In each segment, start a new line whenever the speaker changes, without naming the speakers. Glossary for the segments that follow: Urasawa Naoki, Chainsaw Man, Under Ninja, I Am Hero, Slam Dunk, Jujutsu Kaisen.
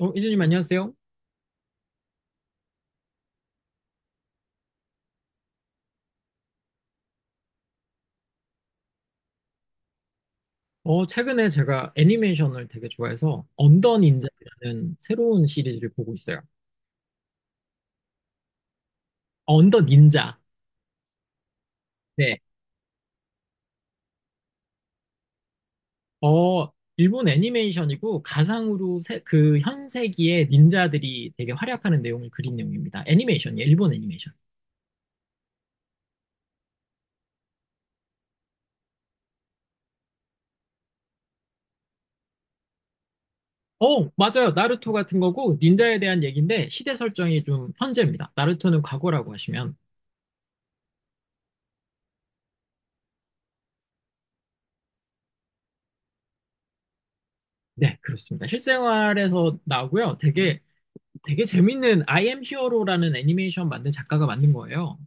이진님 안녕하세요. 최근에 제가 애니메이션을 되게 좋아해서 언더 닌자라는 새로운 시리즈를 보고 있어요. 언더 닌자. 네. 어, 일본 애니메이션이고 그 현세기의 닌자들이 되게 활약하는 내용을 그린 내용입니다. 애니메이션이에요. 일본 애니메이션. 어, 맞아요. 나루토 같은 거고 닌자에 대한 얘기인데 시대 설정이 좀 현재입니다. 나루토는 과거라고 하시면 네, 그렇습니다. 실생활에서 나오고요. 되게 재밌는 I am 히어로라는 애니메이션 만든 작가가 만든 거예요.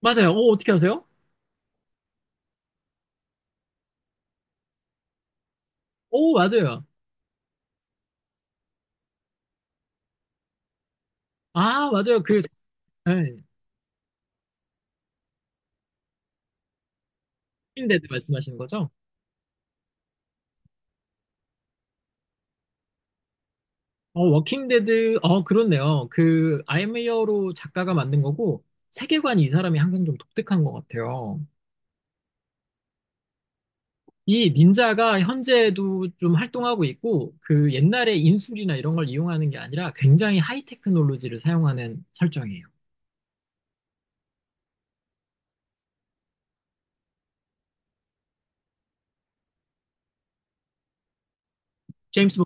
맞아요. 오, 어떻게 아세요? 오, 맞아요. 아, 맞아요. 그, 네. 워킹데드 말씀하시는 거죠? 어, 워킹데드, 어, 그렇네요. 그, I am 히어로 작가가 만든 거고, 세계관이 이 사람이 항상 좀 독특한 것 같아요. 이 닌자가 현재도 좀 활동하고 있고, 그 옛날에 인술이나 이런 걸 이용하는 게 아니라 굉장히 하이 테크놀로지를 사용하는 설정이에요. 제임스.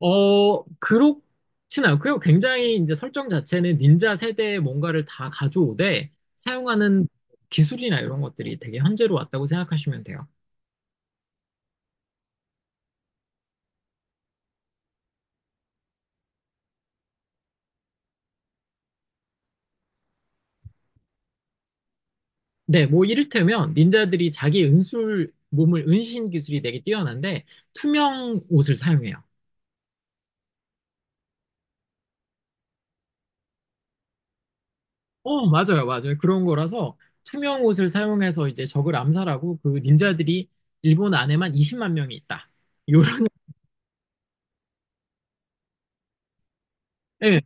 어, 그렇진 않고요. 굉장히 이제 설정 자체는 닌자 세대의 뭔가를 다 가져오되 사용하는 기술이나 이런 것들이 되게 현재로 왔다고 생각하시면 돼요. 네, 뭐 이를테면 닌자들이 자기 은술 몸을 은신 기술이 되게 뛰어난데 투명 옷을 사용해요. 어, 맞아요, 맞아요. 그런 거라서 투명 옷을 사용해서 이제 적을 암살하고 그 닌자들이 일본 안에만 20만 명이 있다. 요런, 예,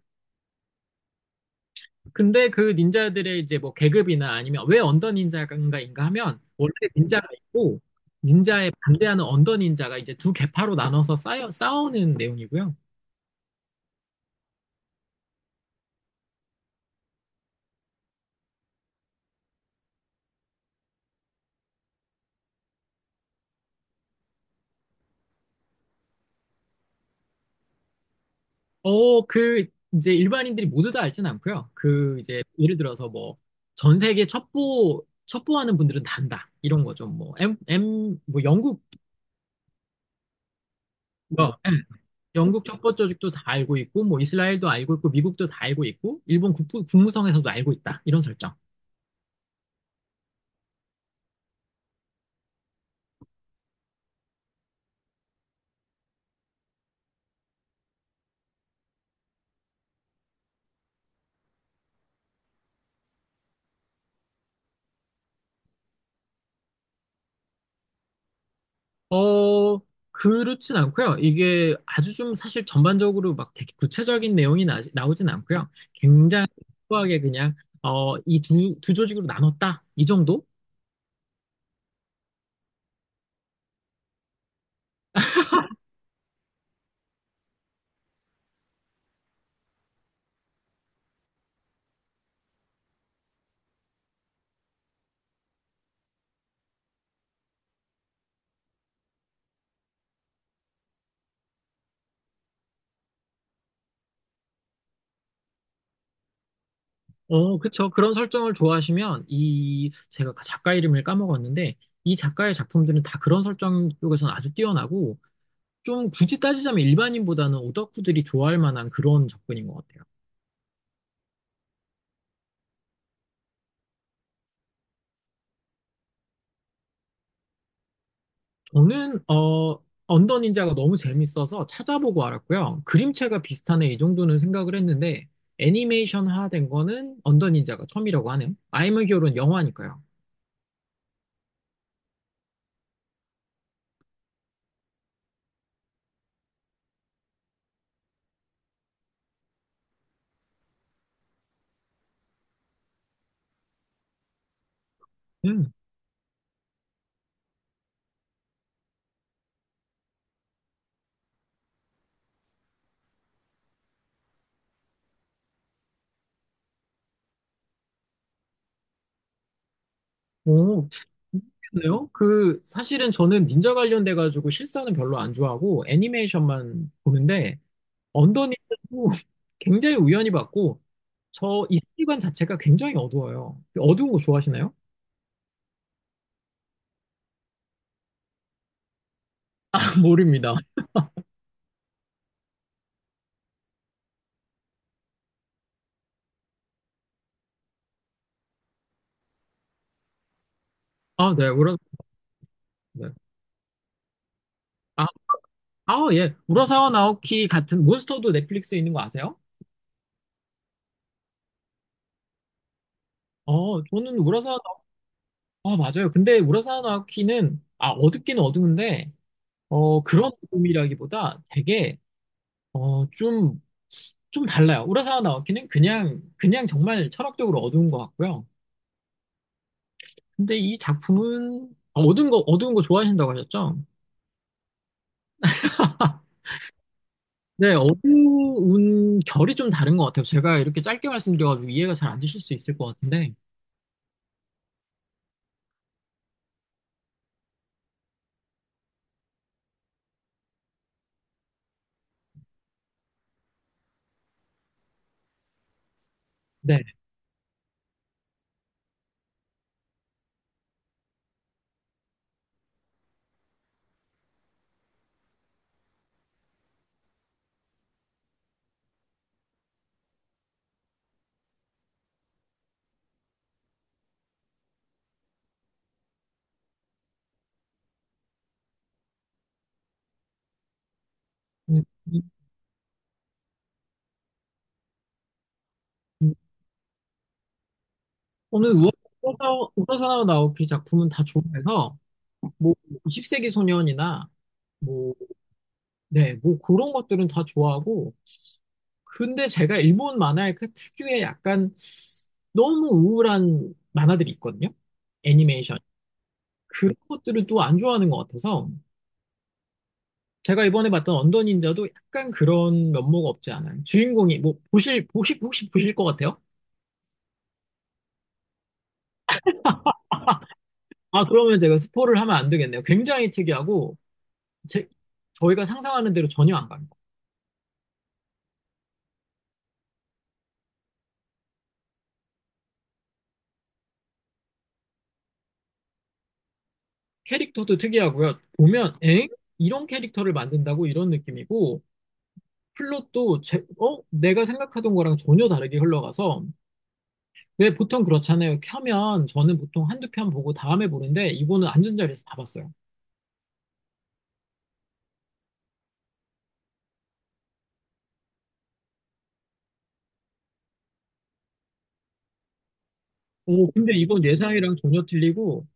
근데 그 닌자들의 이제 뭐 계급이나 아니면 왜 언더 닌자인가인가 하면 원래 닌자가 있고 닌자에 반대하는 언더 닌자가 이제 두 계파로 나눠서 싸우는 내용이고요. 그 이제 일반인들이 모두 다 알진 않고요. 그 이제 예를 들어서 뭐 전 세계 첩보 첩보하는 분들은 다 안다 이런 거죠. 뭐 M M 뭐 영국 뭐 영국 첩보 조직도 다 알고 있고 뭐 이스라엘도 알고 있고 미국도 다 알고 있고 일본 국부, 국무성에서도 알고 있다 이런 설정. 어, 그렇진 않고요. 이게 아주 좀 사실 전반적으로 막 되게 구체적인 내용이 나오진 않고요. 굉장히 소소하게 그냥 이 두 조직으로 나눴다. 이 정도? 어, 그쵸. 그런 설정을 좋아하시면 이 제가 작가 이름을 까먹었는데 이 작가의 작품들은 다 그런 설정 쪽에서는 아주 뛰어나고 좀 굳이 따지자면 일반인보다는 오덕후들이 좋아할 만한 그런 접근인 것 같아요. 저는 언더 닌자가 너무 재밌어서 찾아보고 알았고요. 그림체가 비슷하네 이 정도는 생각을 했는데 애니메이션화된 거는 언더 닌자가 처음이라고 하네요. 아이 엠 히어로는 영화니까요. 음. 오, 그래요? 그 사실은 저는 닌자 관련돼 가지고 실사는 별로 안 좋아하고 애니메이션만 보는데 언더 닌자도 굉장히 우연히 봤고 저 이 세계관 자체가 굉장히 어두워요. 어두운 거 좋아하시나요? 모릅니다. 아, 네, 그렇습니다. 아, 예. 우라사와 나오키 같은 몬스터도 넷플릭스에 있는 거 아세요? 어, 저는 우라사와 나오키, 아, 맞아요. 근데 우라사와 나오키는, 아, 어둡긴 어두운데, 그런 어둠이라기보다 되게, 어, 좀, 좀 달라요. 우라사와 나오키는 그냥 정말 철학적으로 어두운 것 같고요. 근데 이 작품은, 어두운 거 좋아하신다고 하셨죠? 네, 어두운 결이 좀 다른 것 같아요. 제가 이렇게 짧게 말씀드려가지고 이해가 잘 안 되실 수 있을 것 같은데, 네. 음, 음, 오늘 우러사나와 나오키 작품은 다 좋아해서 뭐 20세기 소년이나 뭐, 네, 뭐 그런 것들은 다 좋아하고 근데 제가 일본 만화의 그 특유의 약간 너무 우울한 만화들이 있거든요. 애니메이션. 그런 것들을 또 안 좋아하는 것 같아서 제가 이번에 봤던 언더 닌자도 약간 그런 면모가 없지 않아요. 주인공이 뭐 보실 보시 혹시 보실 것 같아요? 아 그러면 제가 스포를 하면 안 되겠네요. 굉장히 특이하고 제, 저희가 상상하는 대로 전혀 안 가요. 캐릭터도 특이하고요. 보면 엥? 이런 캐릭터를 만든다고 이런 느낌이고 플롯도 어? 내가 생각하던 거랑 전혀 다르게 흘러가서 왜 보통 그렇잖아요. 켜면 저는 보통 한두 편 보고 다음에 보는데 이거는 앉은 자리에서 다 봤어요. 오, 근데 이건 예상이랑 전혀 틀리고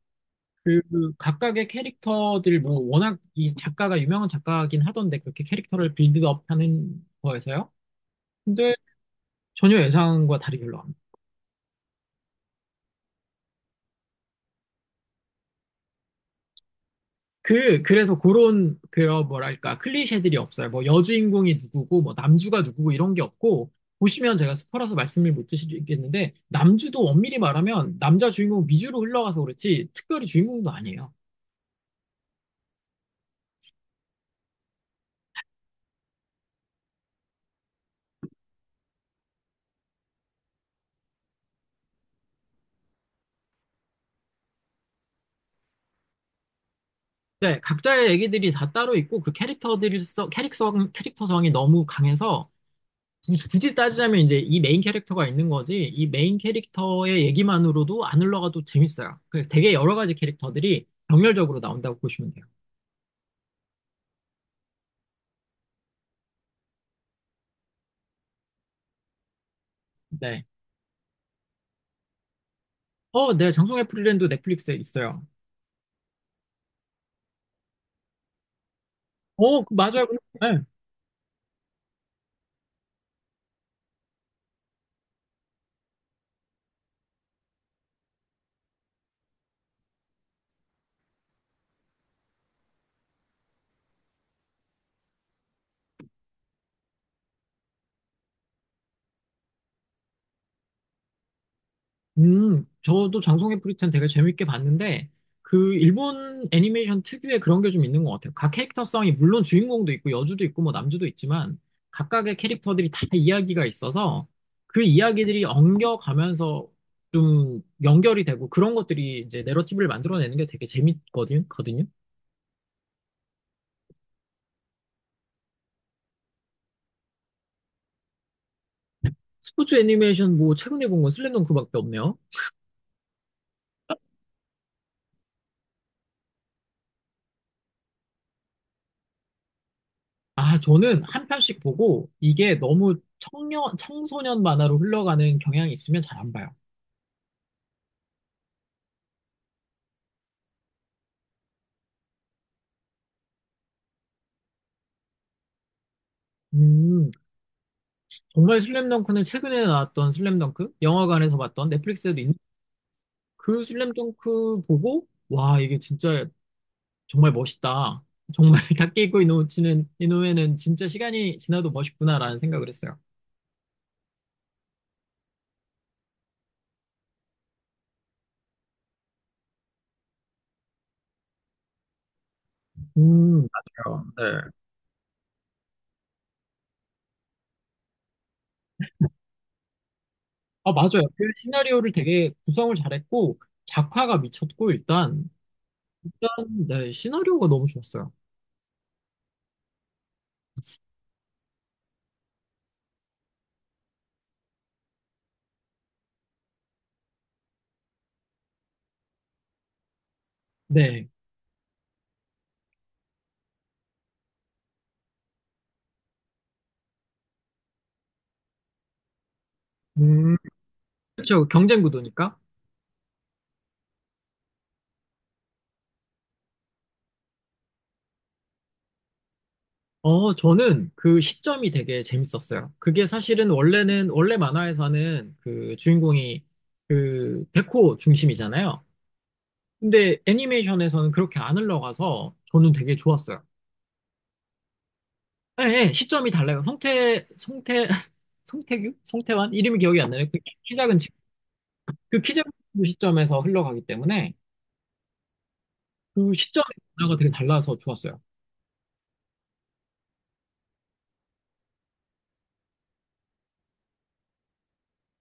그 각각의 캐릭터들 뭐 워낙 이 작가가 유명한 작가긴 하던데 그렇게 캐릭터를 빌드업하는 거에서요. 근데 전혀 예상과 다르게 흘러갑니다. 그래서 그런, 뭐랄까, 클리셰들이 없어요. 뭐, 여주인공이 누구고, 뭐, 남주가 누구고, 이런 게 없고, 보시면 제가 스포라서 말씀을 못 드리겠는데, 남주도 엄밀히 말하면, 남자 주인공 위주로 흘러가서 그렇지, 특별히 주인공도 아니에요. 네, 각자의 얘기들이 다 따로 있고, 그 캐릭터들이, 캐릭터성이 너무 강해서, 굳이 따지자면 이제 이 메인 캐릭터가 있는 거지, 이 메인 캐릭터의 얘기만으로도 안 흘러가도 재밌어요. 그 되게 여러 가지 캐릭터들이 병렬적으로 나온다고 보시면 돼요. 네. 어, 네, 장송의 프리랜드 넷플릭스에 있어요. 맞아요. 네. 저도 장송의 프리랜드 되게 재밌게 봤는데, 그 일본 애니메이션 특유의 그런 게 좀 있는 것 같아요. 각 캐릭터성이 물론 주인공도 있고 여주도 있고 뭐 남주도 있지만 각각의 캐릭터들이 다 이야기가 있어서 그 이야기들이 엉겨가면서 좀 연결이 되고 그런 것들이 이제 내러티브를 만들어내는 게 되게 재밌거든요. 거든요. 스포츠 애니메이션 뭐 최근에 본 건 슬램덩크밖에 없네요. 아, 저는 한 편씩 보고 이게 너무 청년, 청소년 만화로 흘러가는 경향이 있으면 잘 안 봐요. 음, 정말 슬램덩크는 최근에 나왔던 슬램덩크? 영화관에서 봤던 넷플릭스에도 있는 그 슬램덩크 보고, 와, 이게 진짜 정말 멋있다. 정말 다케이코 이노우치는, 이노우에는 진짜 시간이 지나도 멋있구나라는 생각을 했어요. 요 네. 아, 맞아요. 그 시나리오를 되게 구성을 잘했고, 작화가 미쳤고, 일단, 네, 시나리오가 너무 좋았어요. 네. 음, 그렇죠. 경쟁 구도니까. 어, 저는 그 시점이 되게 재밌었어요. 그게 사실은 원래 만화에서는 그 주인공이 그 백호 중심이잖아요. 근데 애니메이션에서는 그렇게 안 흘러가서 저는 되게 좋았어요. 예, 예, 시점이 달라요. 송태환 이름이 기억이 안 나네요. 키 작은 친구. 그키 작은 친구 시점에서 흘러가기 때문에 그 시점의 변화가 되게 달라서 좋았어요.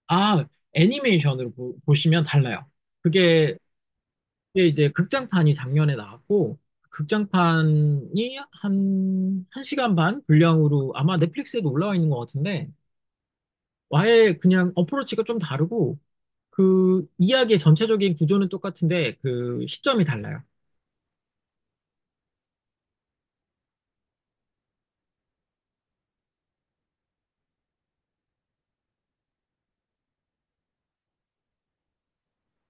아, 보시면 달라요. 그게 이데 이제 극장판이 작년에 나왔고, 극장판이 한 시간 반 분량으로 아마 넷플릭스에도 올라와 있는 것 같은데, 아예 그냥 어프로치가 좀 다르고, 그 이야기의 전체적인 구조는 똑같은데, 그 시점이 달라요.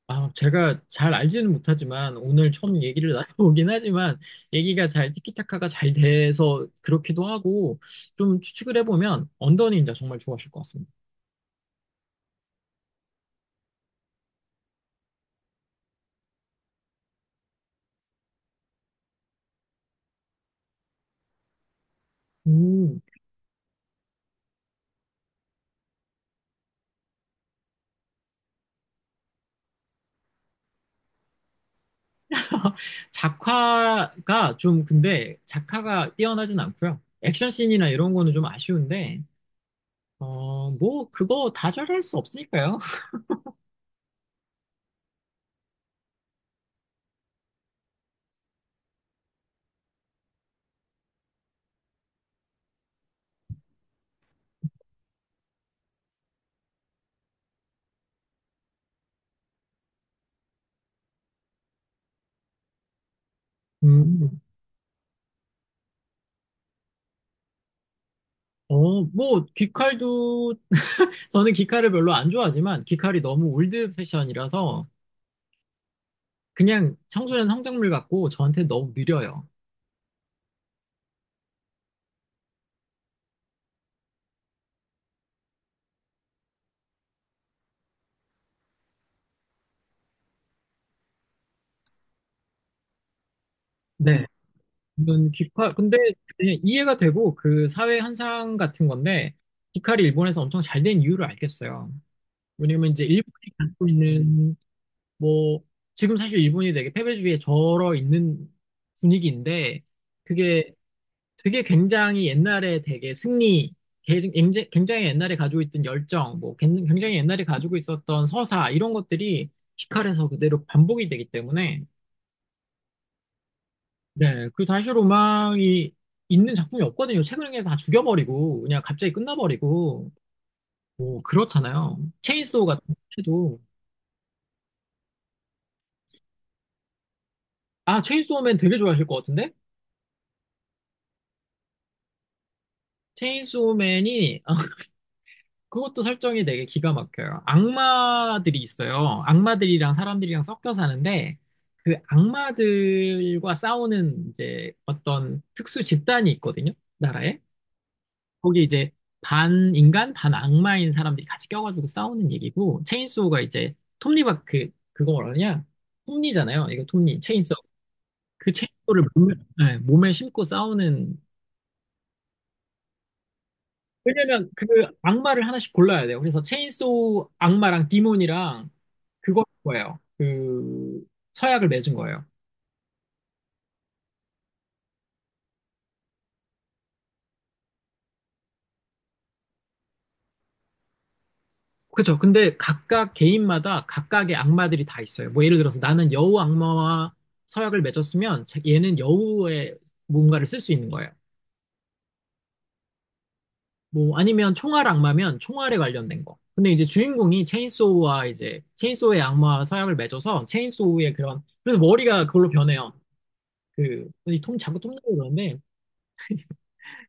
아, 제가 잘 알지는 못하지만, 오늘 처음 얘기를 나눠보긴 하지만, 얘기가 잘 티키타카가 잘 돼서 그렇기도 하고, 좀 추측을 해보면, 언더 닌자 정말 좋아하실 것 같습니다. 음. 작화가 좀 근데 작화가 뛰어나진 않고요. 액션 씬이나 이런 거는 좀 아쉬운데 뭐 그거 다 잘할 수 없으니까요. 음. 뭐 귀칼도 저는 귀칼을 별로 안 좋아하지만 귀칼이 너무 올드 패션이라서 그냥 청소년 성장물 같고 저한테 너무 느려요. 네. 이건 귀칼 근데 그냥 이해가 되고 그 사회 현상 같은 건데 귀칼이 일본에서 엄청 잘된 이유를 알겠어요. 왜냐면 이제 일본이 갖고 있는 뭐 지금 사실 일본이 되게 패배주의에 절어 있는 분위기인데 그게 되게 굉장히 옛날에 되게 승리 개- 굉장히 굉장히 옛날에 가지고 있던 열정 뭐 굉장히 옛날에 가지고 있었던 서사 이런 것들이 피칼에서 그대로 반복이 되기 때문에 네 그 다시 로망이 있는 작품이 없거든요 최근에 그냥 다 죽여버리고 그냥 갑자기 끝나버리고 뭐 그렇잖아요 체인소우 같은 것도 아 체인소우맨 되게 좋아하실 것 같은데 체인소우맨이 그것도 설정이 되게 기가 막혀요. 악마들이 있어요. 악마들이랑 사람들이랑 섞여 사는데 그 악마들과 싸우는 이제 어떤 특수 집단이 있거든요. 나라에. 거기 이제 반 인간, 반 악마인 사람들이 같이 껴가지고 싸우는 얘기고 체인소가 이제 톱니바크 그거 뭐라냐? 톱니잖아요. 이거 톱니, 체인소. 그 체인소를 몸에, 네, 몸에 심고 싸우는 왜냐면 그 악마를 하나씩 골라야 돼요. 그래서 체인소우 악마랑 디몬이랑 그거 거예요. 그 서약을 맺은 거예요. 그렇죠. 근데 각각 개인마다 각각의 악마들이 다 있어요. 뭐 예를 들어서 나는 여우 악마와 서약을 맺었으면 얘는 여우의 뭔가를 쓸 수 있는 거예요. 뭐 아니면 총알 악마면 총알에 관련된 거. 근데 이제 주인공이 체인소우와 이제 체인소우의 악마와 서약을 맺어서 체인소우의 그런 그래서 머리가 그걸로 변해요. 자꾸 톰 나고 그러는데,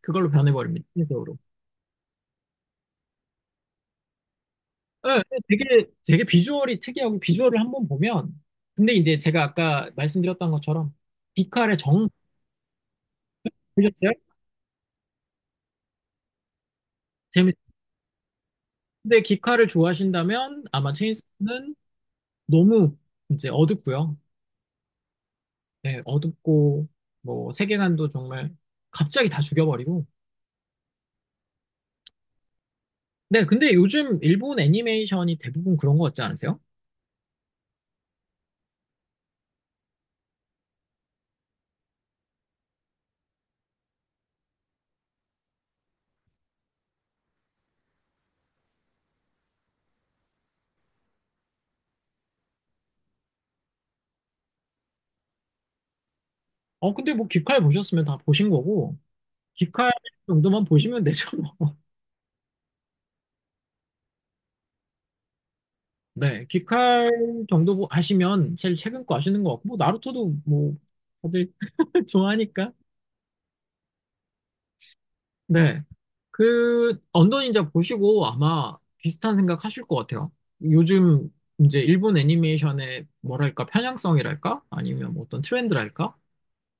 그걸로 변해버립니다. 흰색으로. 예, 되게 비주얼이 특이하고 비주얼을 한번 보면 근데 이제 제가 아까 말씀드렸던 것처럼 기카의 정 보셨어요? 재밌. 근데 기카를 좋아하신다면 아마 체인소는 너무 이제 어둡고요. 네, 어둡고 뭐 세계관도 정말 갑자기 다 죽여버리고. 네, 근데 요즘 일본 애니메이션이 대부분 그런 거 같지 않으세요? 근데 뭐 기카를 보셨으면 다 보신 거고 기카 정도만 보시면 되죠. 뭐. 네, 귀칼 정도 하시면 제일 최근 거 아시는 것 같고, 뭐, 나루토도 뭐, 다들 좋아하니까. 네, 그, 언더 닌자 보시고 아마 비슷한 생각 하실 것 같아요. 요즘 이제 일본 애니메이션의 뭐랄까, 편향성이랄까? 아니면 뭐 어떤 트렌드랄까?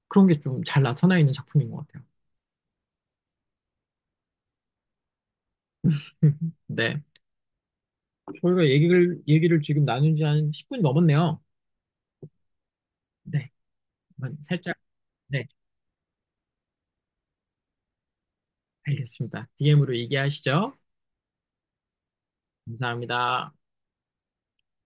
그런 게 좀 잘 나타나 있는 작품인 것 같아요. 네, 저희가 얘기를 지금 나눈 지한 10분이 넘었네요. 네, 한번 살짝, 네, 알겠습니다. DM으로 얘기하시죠. 감사합니다.